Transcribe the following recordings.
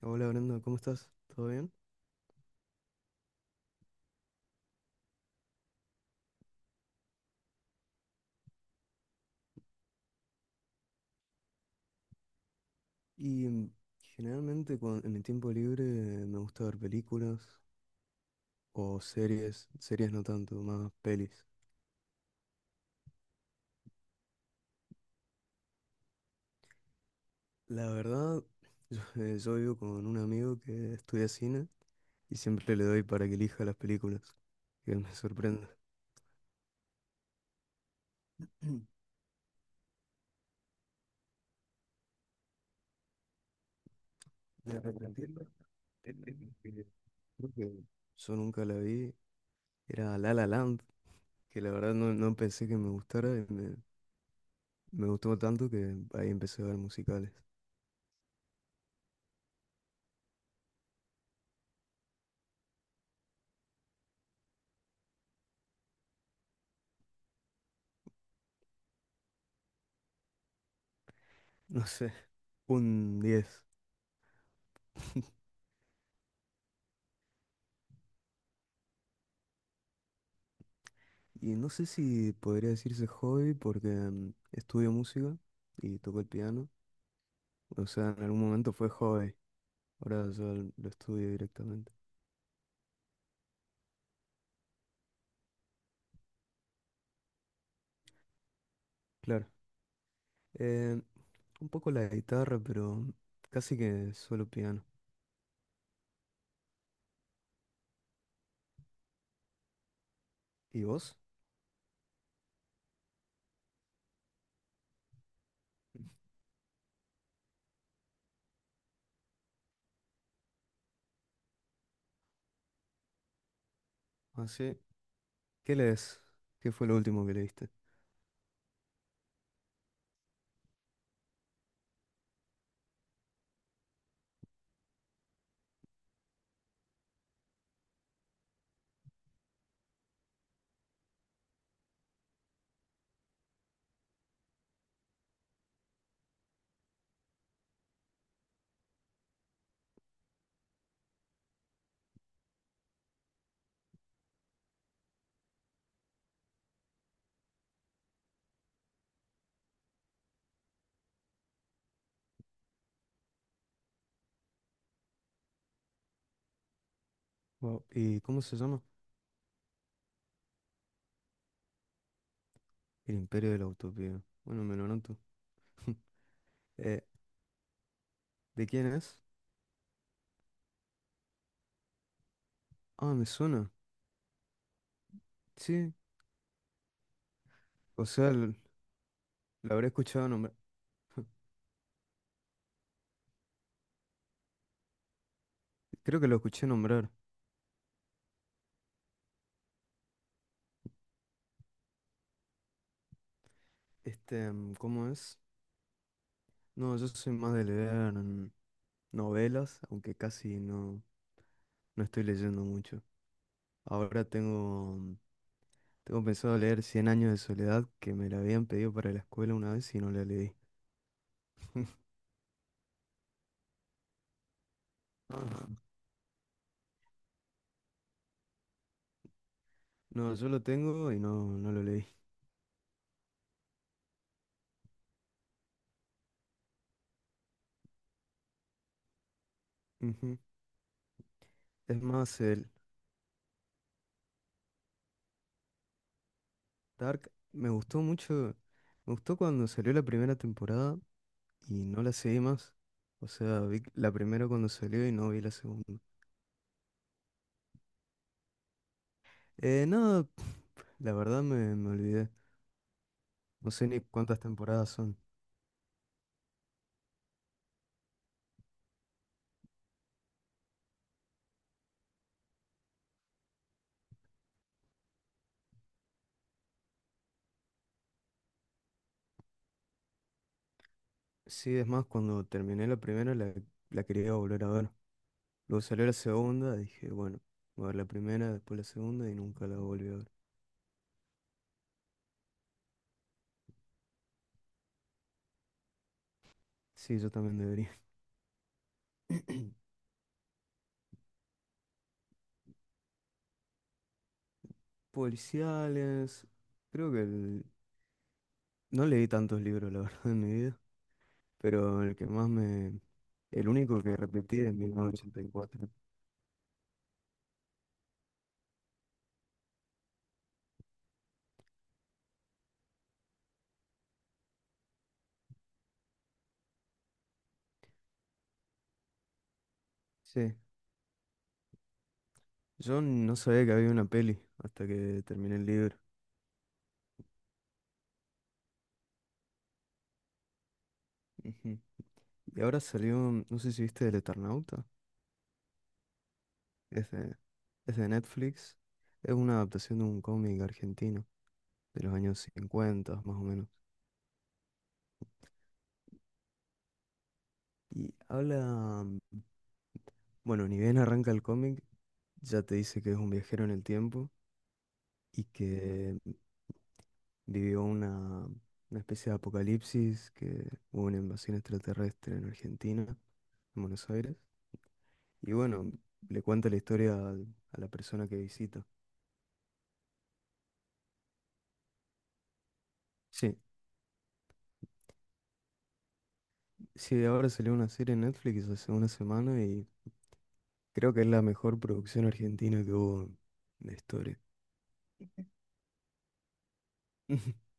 Hola Brenda, ¿cómo estás? ¿Todo bien? Y mm, generalmente en mi tiempo libre me gusta ver películas o series, series no tanto, más pelis. La verdad, yo, yo vivo con un amigo que estudia cine y siempre le doy para que elija las películas, que él me sorprende. De arrepentirme, eh, creo que yo nunca la vi, era La La Land, que la verdad no pensé que me gustara me gustó tanto que ahí empecé a ver musicales. No sé, un diez. Y no sé si podría decirse hobby porque estudio música y toco el piano. O sea, en algún momento fue hobby. Ahora yo lo estudio directamente. Claro. eh, un poco la guitarra, pero casi que solo piano. ¿Y vos? Así. ¿Qué lees? ¿Qué fue lo último que leíste? Wow. ¿Y cómo se llama? El Imperio de la Utopía. Bueno, me lo anoto. Eh, ¿de quién es? Ah, me suena. Sí. O sea, lo habré escuchado nombrar. Creo que lo escuché nombrar. ¿Cómo es? No, yo soy más de leer novelas, aunque casi no estoy leyendo mucho. Ahora tengo, mm, Tengo pensado leer Cien años de soledad, que me la habían pedido para la escuela una vez y no la leí. Ah. No, yo lo tengo y no lo leí. Ujú. Es más, el Dark me gustó mucho. Me gustó cuando salió la primera temporada y no la seguí más. O sea, vi la primera cuando salió y no vi la segunda. No, la verdad me olvidé. No sé ni cuántas temporadas son. Sí, es más, cuando terminé la primera, la quería volver a ver. Luego salió la segunda, dije, bueno, voy a ver la primera, después la segunda y nunca la volví a ver. Sí, yo también debería. Policiales. Creo que no leí tantos libros, la verdad, en mi vida, pero el que más me... El único que repetí es 1984. Sí, yo no sabía que había una peli hasta que terminé el libro. Ujú. Y ahora salió, no sé si viste El Eternauta, es de, es de Netflix, es una adaptación de un cómic argentino de los años 50 más o menos. Y habla, mm, bueno, ni bien arranca el cómic, ya te dice que es un viajero en el tiempo y que vivió una especie de apocalipsis, que hubo una invasión extraterrestre en Argentina, en Buenos Aires. Y bueno, le cuenta la historia a la persona que visita. Sí. Sí, ahora salió una serie en Netflix hace una semana y creo que es la mejor producción argentina que hubo de historia.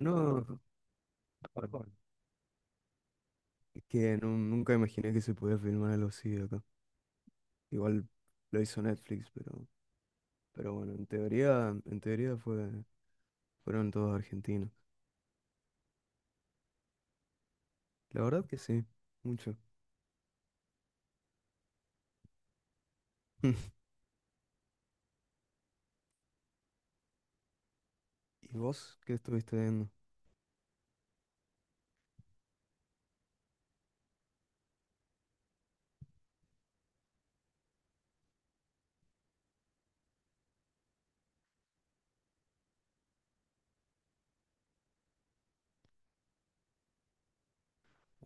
No, es que nunca imaginé que se podía filmar algo así acá. Igual lo hizo Netflix, pero bueno, en teoría fueron todos argentinos. La verdad que sí, mucho. ¿Y vos qué estuviste viendo?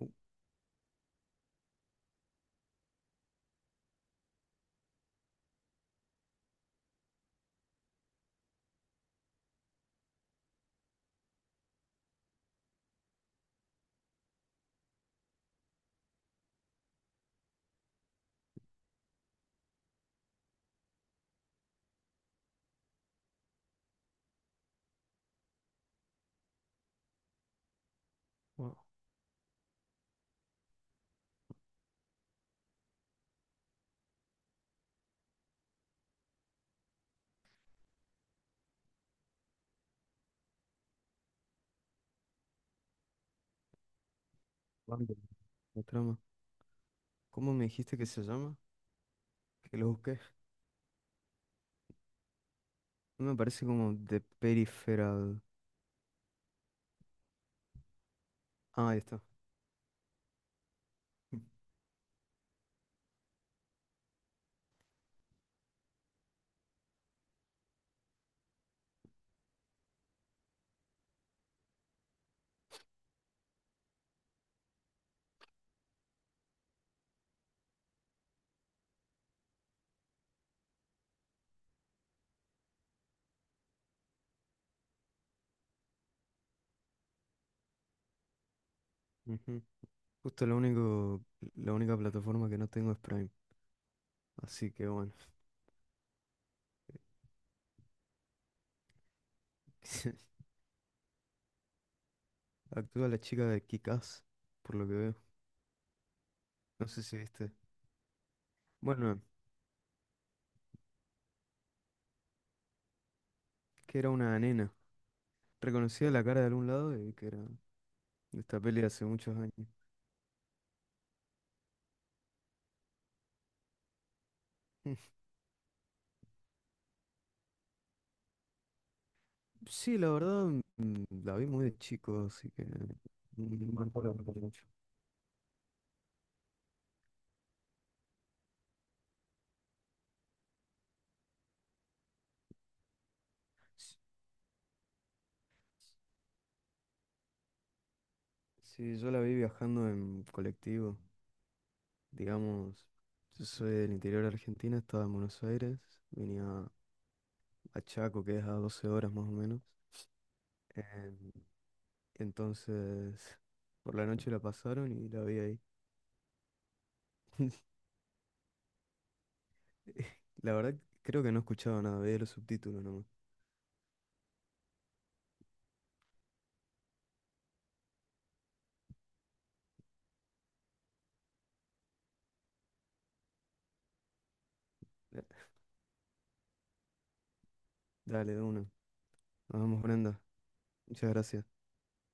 Uh, wow, Bambi, la trama. ¿Cómo me dijiste que se llama? Que lo busqué. No me parece como The Peripheral. Ah, ahí está. Ujú. Justo lo único, la única plataforma que no tengo es Prime. Así que bueno. Actúa la chica de Kick-Ass, por lo que veo. No sé si viste. Bueno, que era una nena. Reconocía la cara de algún lado y que era de esta peli de hace muchos años. Sí, la verdad, la vi muy de chico, así que no me acuerdo mucho. S- Sí, yo la vi viajando en colectivo. Digamos, yo soy del interior de Argentina, estaba en Buenos Aires, venía a Chaco, que es a 12 horas más o menos. Em, entonces, por la noche la pasaron y la vi ahí. La verdad, creo que no escuchaba nada, veía los subtítulos nomás. Eh, Dale, de una. Nos vemos, Brenda. Muchas gracias.